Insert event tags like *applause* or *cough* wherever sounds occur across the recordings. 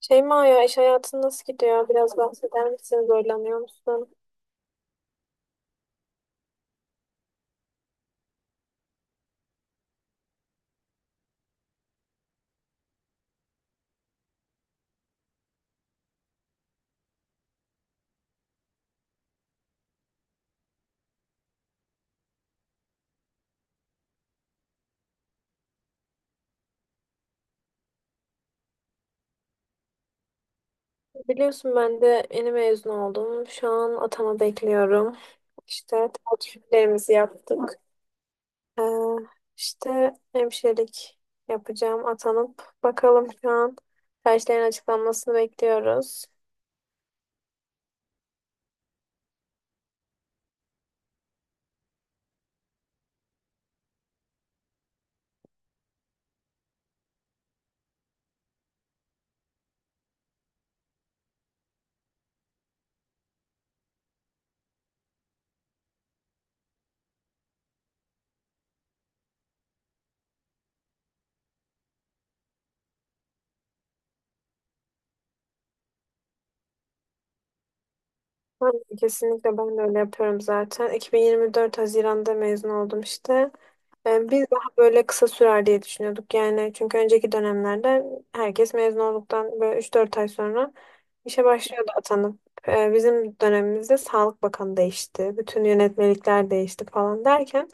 Şeyma ya iş hayatın nasıl gidiyor? Biraz bahseder misin? Zorlanıyor musun? Biliyorsun ben de yeni mezun oldum. Şu an atama bekliyorum. İşte tercihlerimizi yaptık. Ee, işte hemşirelik yapacağım atanıp. Bakalım şu an tercihlerin açıklanmasını bekliyoruz. Aynen, kesinlikle ben de öyle yapıyorum zaten. 2024 Haziran'da mezun oldum işte. Biz daha böyle kısa sürer diye düşünüyorduk yani. Çünkü önceki dönemlerde herkes mezun olduktan böyle 3-4 ay sonra işe başlıyordu atanıp. Bizim dönemimizde Sağlık Bakanı değişti. Bütün yönetmelikler değişti falan derken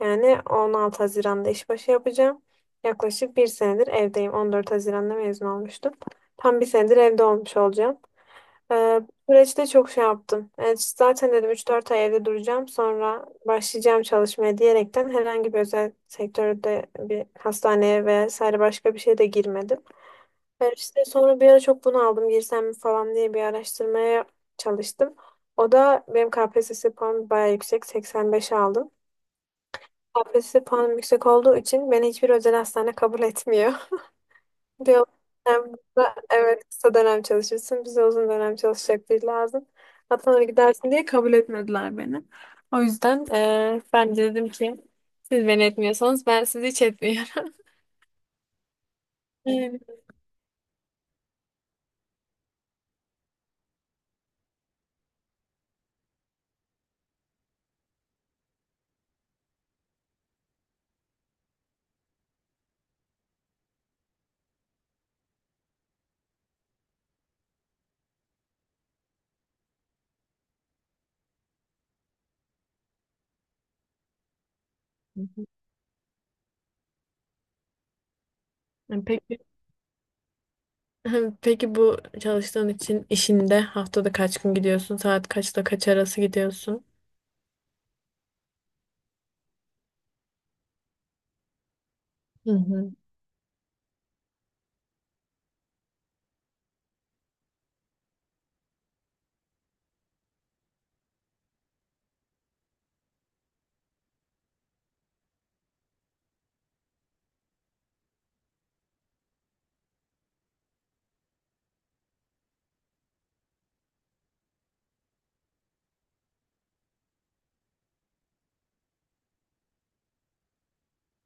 yani 16 Haziran'da işbaşı yapacağım. Yaklaşık bir senedir evdeyim. 14 Haziran'da mezun olmuştum. Tam bir senedir evde olmuş olacağım. Ee, bu süreçte çok şey yaptım. Yani zaten dedim üç dört ay evde duracağım sonra başlayacağım çalışmaya diyerekten herhangi bir özel sektörde bir hastaneye vesaire başka bir şeye de girmedim. İşte sonra bir ara çok bunu aldım girsem mi falan diye bir araştırmaya çalıştım. O da benim KPSS puanım bayağı yüksek, 85 aldım. KPSS puanım yüksek olduğu için beni hiçbir özel hastane kabul etmiyor. Bir dönemde, evet kısa dönem çalışırsın. Bize uzun dönem çalışacak biri lazım. Atan'a gidersin diye kabul etmediler beni. O yüzden ben de dedim ki siz beni etmiyorsanız ben sizi hiç etmiyorum. *laughs* Yani. Hı hı. Yani peki, *laughs* peki bu çalıştığın için işinde haftada kaç gün gidiyorsun? Saat kaçla kaç arası gidiyorsun?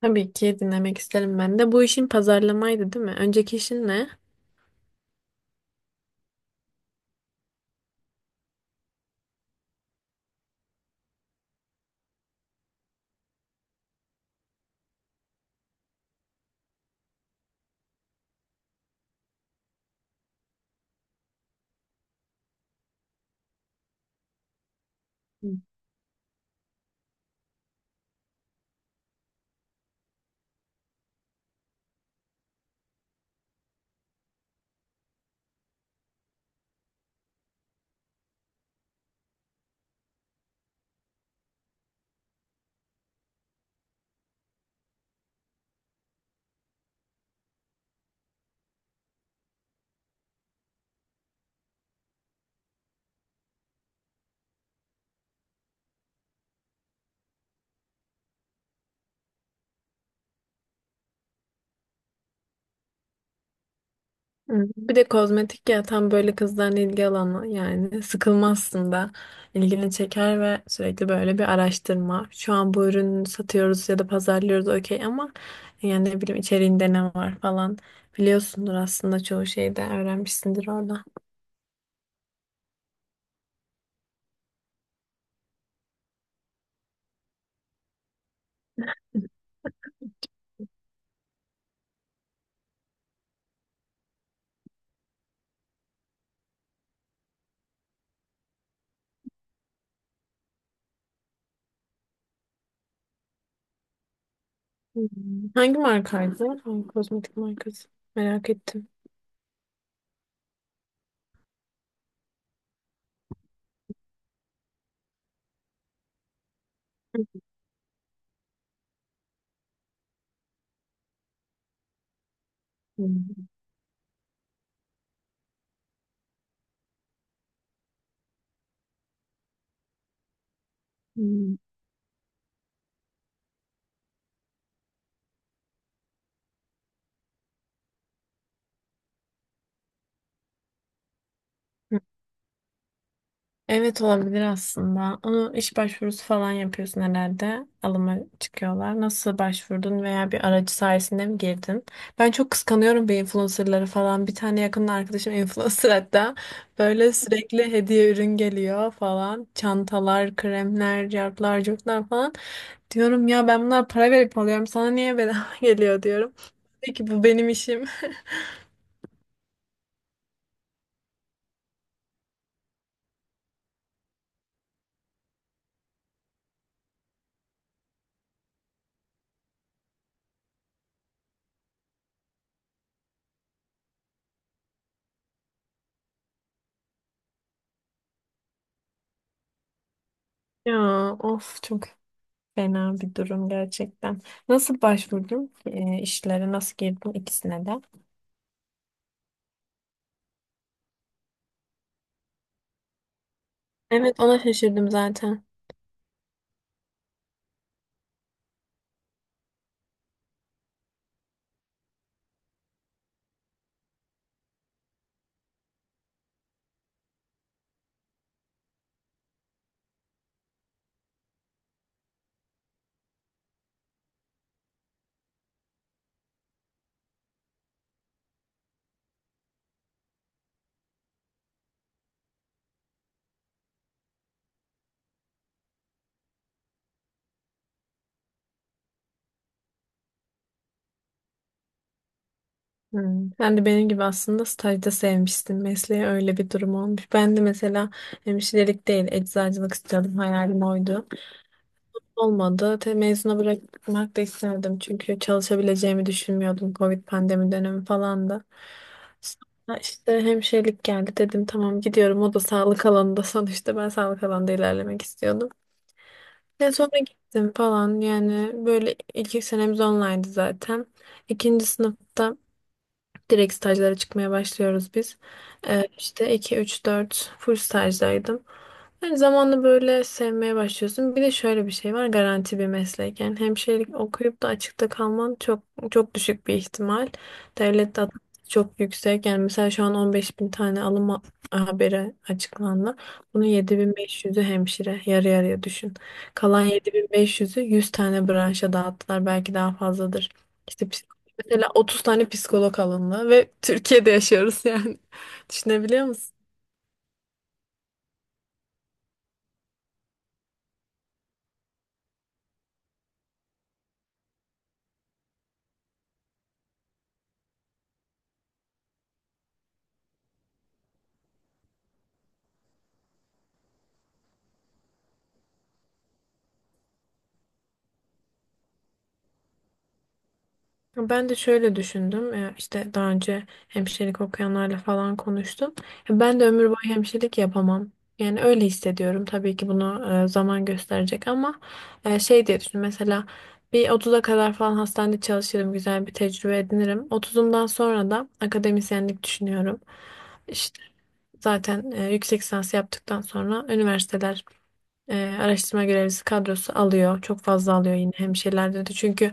Tabii ki dinlemek isterim ben de. Bu işin pazarlamaydı, değil mi? Önceki işin ne? Hı. Bir de kozmetik ya, tam böyle kızların ilgi alanı, yani sıkılmazsın da ilgini çeker ve sürekli böyle bir araştırma. Şu an bu ürünü satıyoruz ya da pazarlıyoruz okey, ama yani ne bileyim içeriğinde ne var falan, biliyorsundur aslında çoğu şeyi de öğrenmişsindir orada. Hmm. Hangi markaydı? Hangi kozmetik markası? Merak ettim. Hmm. Hmm. Evet olabilir aslında. Onu iş başvurusu falan yapıyorsun herhalde. Alıma çıkıyorlar. Nasıl başvurdun veya bir aracı sayesinde mi girdin? Ben çok kıskanıyorum bu influencerları falan. Bir tane yakın arkadaşım *laughs* influencer hatta. Böyle sürekli hediye ürün geliyor falan. Çantalar, kremler, cartlar, curtlar falan. Diyorum ya, ben bunlara para verip alıyorum. Sana niye bedava *laughs* geliyor diyorum. Peki bu benim işim. *laughs* Ya, of çok, fena bir durum gerçekten. Nasıl başvurdun ki, işlere? Nasıl girdin ikisine de? Evet, ona şaşırdım zaten. Hmm. Sen de benim gibi aslında stajda sevmiştin mesleği, öyle bir durum olmuş. Ben de mesela hemşirelik değil eczacılık istiyordum, hayalim oydu. Olmadı. Te mezuna bırakmak da istemedim çünkü çalışabileceğimi düşünmüyordum. Covid pandemi dönemi falan da. Sonra işte hemşirelik geldi, dedim tamam gidiyorum, o da sağlık alanında *laughs* sonuçta ben sağlık alanında ilerlemek istiyordum. Ya sonra gittim falan, yani böyle ilk senemiz online'dı zaten. İkinci sınıfta direkt stajlara çıkmaya başlıyoruz biz. İşte 2 3 4 full stajdaydım. Yani zamanla böyle sevmeye başlıyorsun. Bir de şöyle bir şey var, garanti bir meslek. Yani hemşirelik okuyup da açıkta kalman çok düşük bir ihtimal. Devlet de *laughs* adı çok yüksek. Yani mesela şu an 15 bin tane alım haberi açıklandı. Bunun 7500'ü hemşire. Yarı yarıya düşün. Kalan 7500'ü 100 tane branşa dağıttılar. Belki daha fazladır. İşte mesela 30 tane psikolog alındı ve Türkiye'de yaşıyoruz yani. *laughs* Düşünebiliyor musun? Ben de şöyle düşündüm. İşte daha önce hemşirelik okuyanlarla falan konuştum. Ben de ömür boyu hemşirelik yapamam. Yani öyle hissediyorum. Tabii ki bunu zaman gösterecek ama şey diye düşündüm. Mesela bir 30'a kadar falan hastanede çalışırım. Güzel bir tecrübe edinirim. 30'umdan sonra da akademisyenlik düşünüyorum. İşte zaten yüksek lisans yaptıktan sonra üniversiteler araştırma görevlisi kadrosu alıyor. Çok fazla alıyor yine hemşirelerde de. Çünkü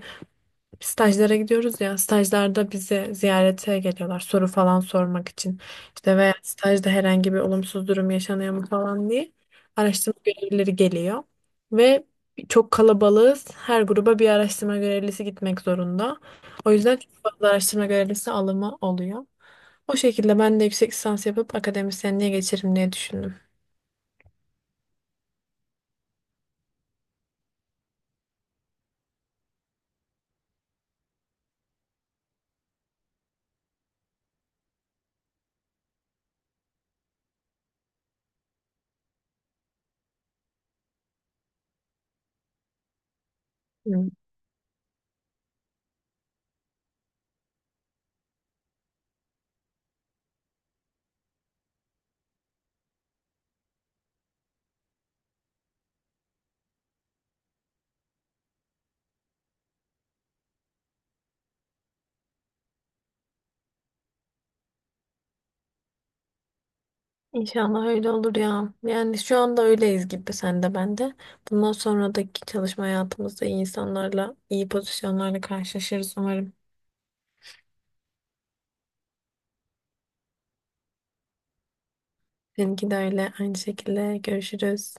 stajlara gidiyoruz ya, stajlarda bizi ziyarete geliyorlar soru falan sormak için, işte veya stajda herhangi bir olumsuz durum yaşanıyor mu falan diye araştırma görevlileri geliyor ve çok kalabalığız, her gruba bir araştırma görevlisi gitmek zorunda, o yüzden çok fazla araştırma görevlisi alımı oluyor. O şekilde ben de yüksek lisans yapıp akademisyenliğe geçerim diye düşündüm. Hı. İnşallah öyle olur ya. Yani şu anda öyleyiz gibi, sen de ben de. Bundan sonraki çalışma hayatımızda iyi insanlarla, iyi pozisyonlarla karşılaşırız umarım. Seninki de öyle. Aynı şekilde görüşürüz.